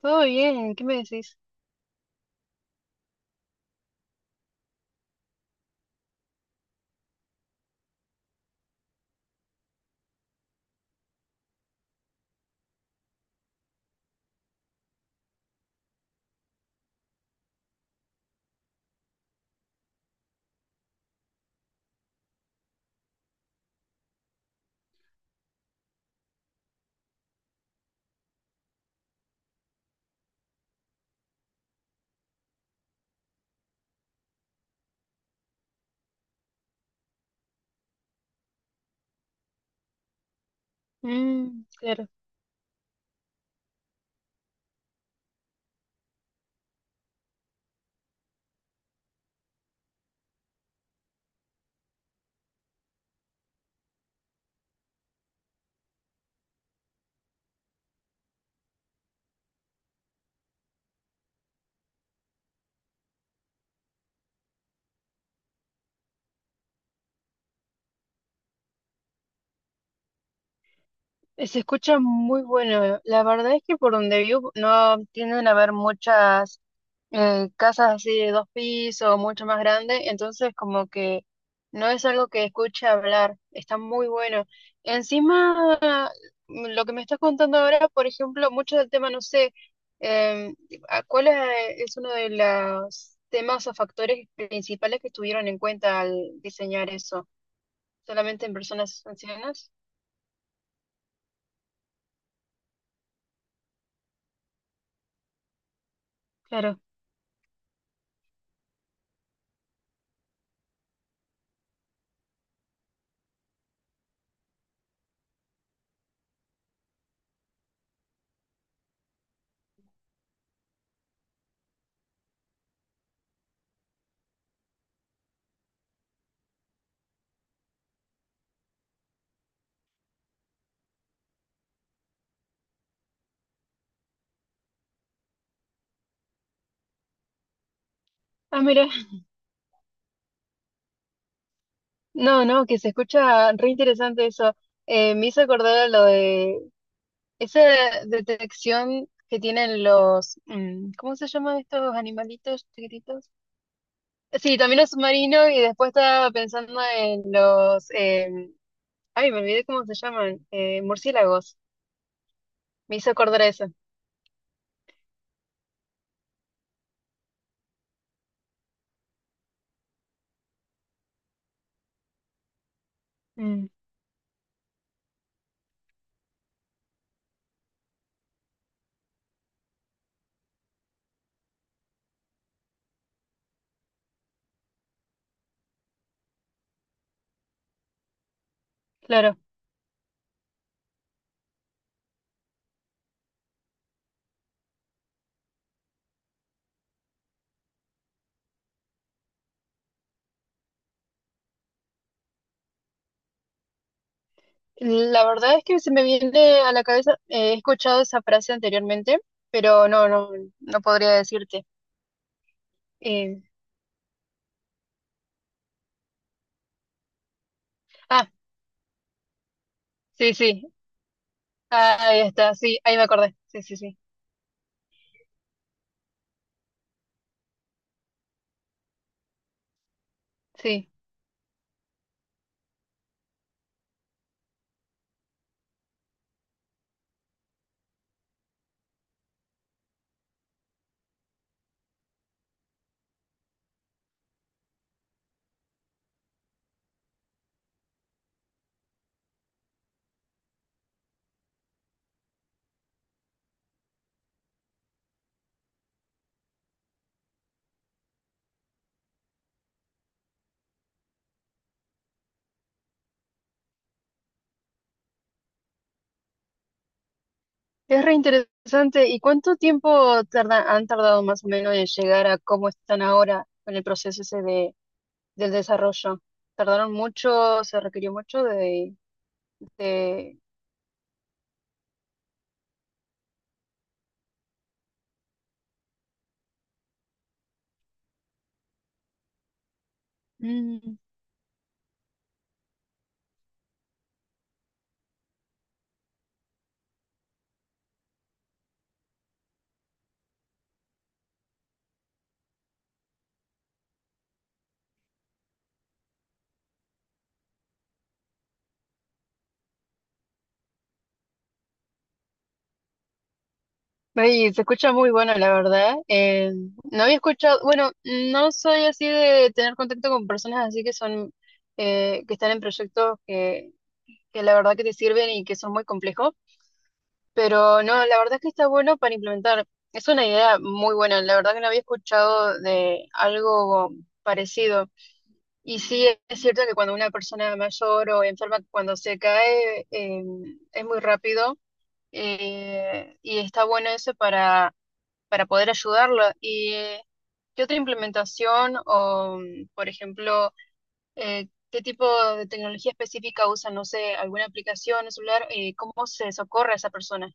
Todo bien, ¿qué me decís? Mm, claro. Se escucha muy bueno. La verdad es que por donde vivo no tienden a haber muchas casas así de dos pisos, mucho más grandes, entonces como que no es algo que escuche hablar. Está muy bueno. Encima, lo que me estás contando ahora, por ejemplo, mucho del tema, no sé, em, ¿a ¿cuál es uno de los temas o factores principales que tuvieron en cuenta al diseñar eso? Solamente en personas ancianas. Claro. Ah, mira. No, no, que se escucha re interesante eso. Me hizo acordar a lo de esa detección que tienen los, ¿cómo se llaman estos animalitos chiquititos? Sí, también los submarinos y después estaba pensando en los, ay, me olvidé cómo se llaman, murciélagos. Me hizo acordar a eso. Mm, claro. La verdad es que se me viene a la cabeza, he escuchado esa frase anteriormente, pero no podría decirte. Eh, ah, sí, sí, ah, ahí está, sí, ahí me acordé, sí, sí, sí, sí. Es re interesante. ¿Y han tardado más o menos en llegar a cómo están ahora con el proceso ese de, del desarrollo? ¿Tardaron mucho? ¿Se requirió mucho de, de- mm, oye, se escucha muy bueno, la verdad. No había escuchado, bueno, no soy así de tener contacto con personas así que son, que están en proyectos que la verdad que te sirven y que son muy complejos, pero no, la verdad es que está bueno para implementar. Es una idea muy buena, la verdad que no había escuchado de algo parecido. Y sí, es cierto que cuando una persona mayor o enferma, cuando se cae, es muy rápido. Y está bueno eso para poder ayudarlo. ¿Y qué otra implementación o, por ejemplo, qué tipo de tecnología específica usan? No sé, alguna aplicación, un celular, ¿cómo se socorre a esa persona?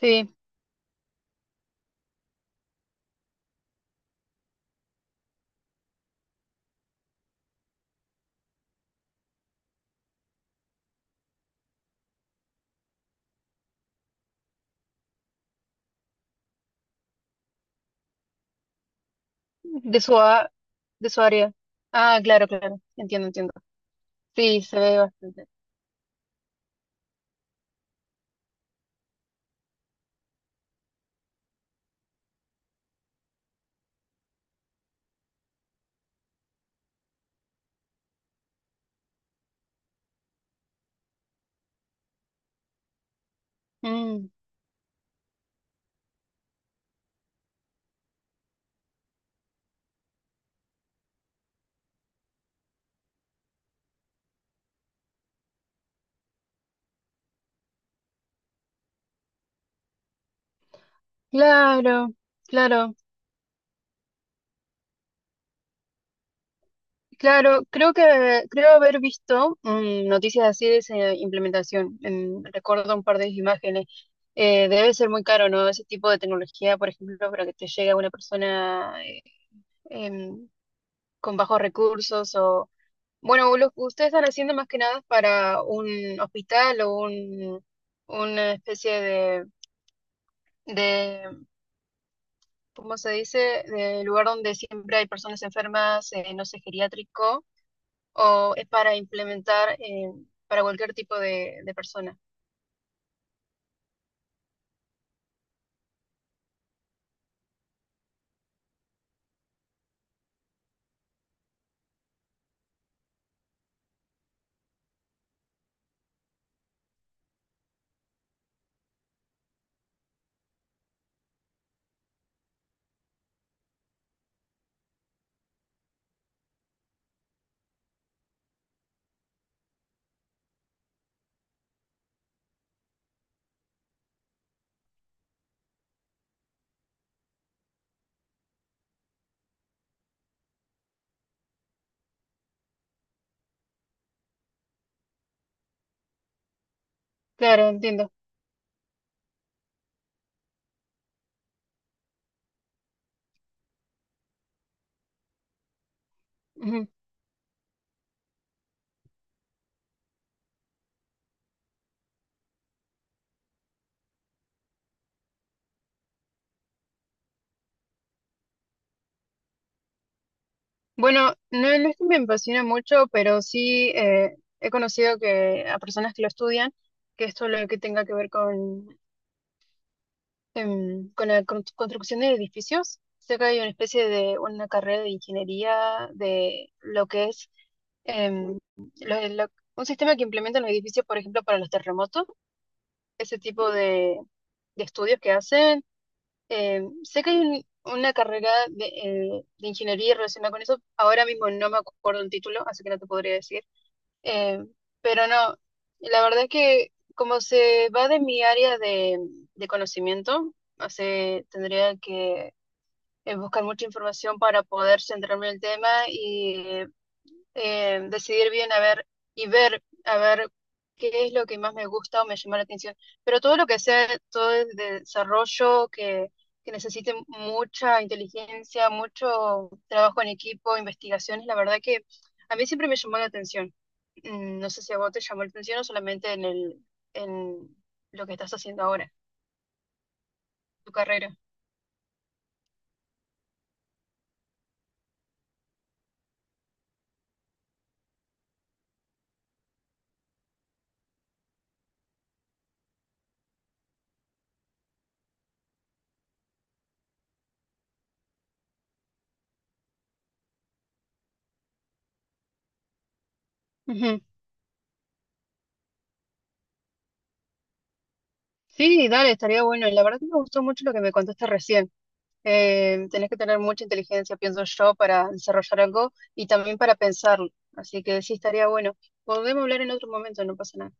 Sí, de su, a- de su área. Ah, claro, claro, entiendo, entiendo. Sí, se ve bastante. Mm, claro, claro. Claro, creo que creo haber visto noticias así de esa implementación. Mm, recuerdo un par de imágenes. Debe ser muy caro, ¿no? Ese tipo de tecnología, por ejemplo, para que te llegue a una persona em, con bajos recursos o... Bueno, lo que ustedes están haciendo más que nada es para un hospital o un, una especie de, ¿cómo se dice? De lugar donde siempre hay personas enfermas, no sé, geriátrico o es para implementar para cualquier tipo de persona. Claro, entiendo. Ujú. Bueno, no, no es que me apasiona mucho, pero sí he conocido que a personas que lo estudian, que esto lo que tenga que ver con, con la construcción de edificios. Sé que hay una especie de una carrera de ingeniería de lo que es em, lo- lo- un sistema que implementan los edificios, por ejemplo, para los terremotos, ese tipo de estudios que hacen. Sé que hay una carrera de ingeniería relacionada con eso. Ahora mismo no me acuerdo el título, así que no te podría decir. Eh, pero no, la verdad es que como se va de mi área de conocimiento, o sea, tendría que buscar mucha información para poder centrarme en el tema y decidir bien a ver y ver a ver qué es lo que más me gusta o me llama la atención. Pero todo lo que sea, todo el desarrollo que necesite mucha inteligencia, mucho trabajo en equipo, investigaciones, la verdad que a mí siempre me llamó la atención. Mm, no sé si a vos te llamó la atención o solamente en el, en lo que estás haciendo ahora, tu carrera. Ujú. Sí, dale, estaría bueno. La verdad que me gustó mucho lo que me contaste recién. Tenés que tener mucha inteligencia, pienso yo, para desarrollar algo y también para pensarlo. Así que sí, estaría bueno. Podemos hablar en otro momento, no pasa nada.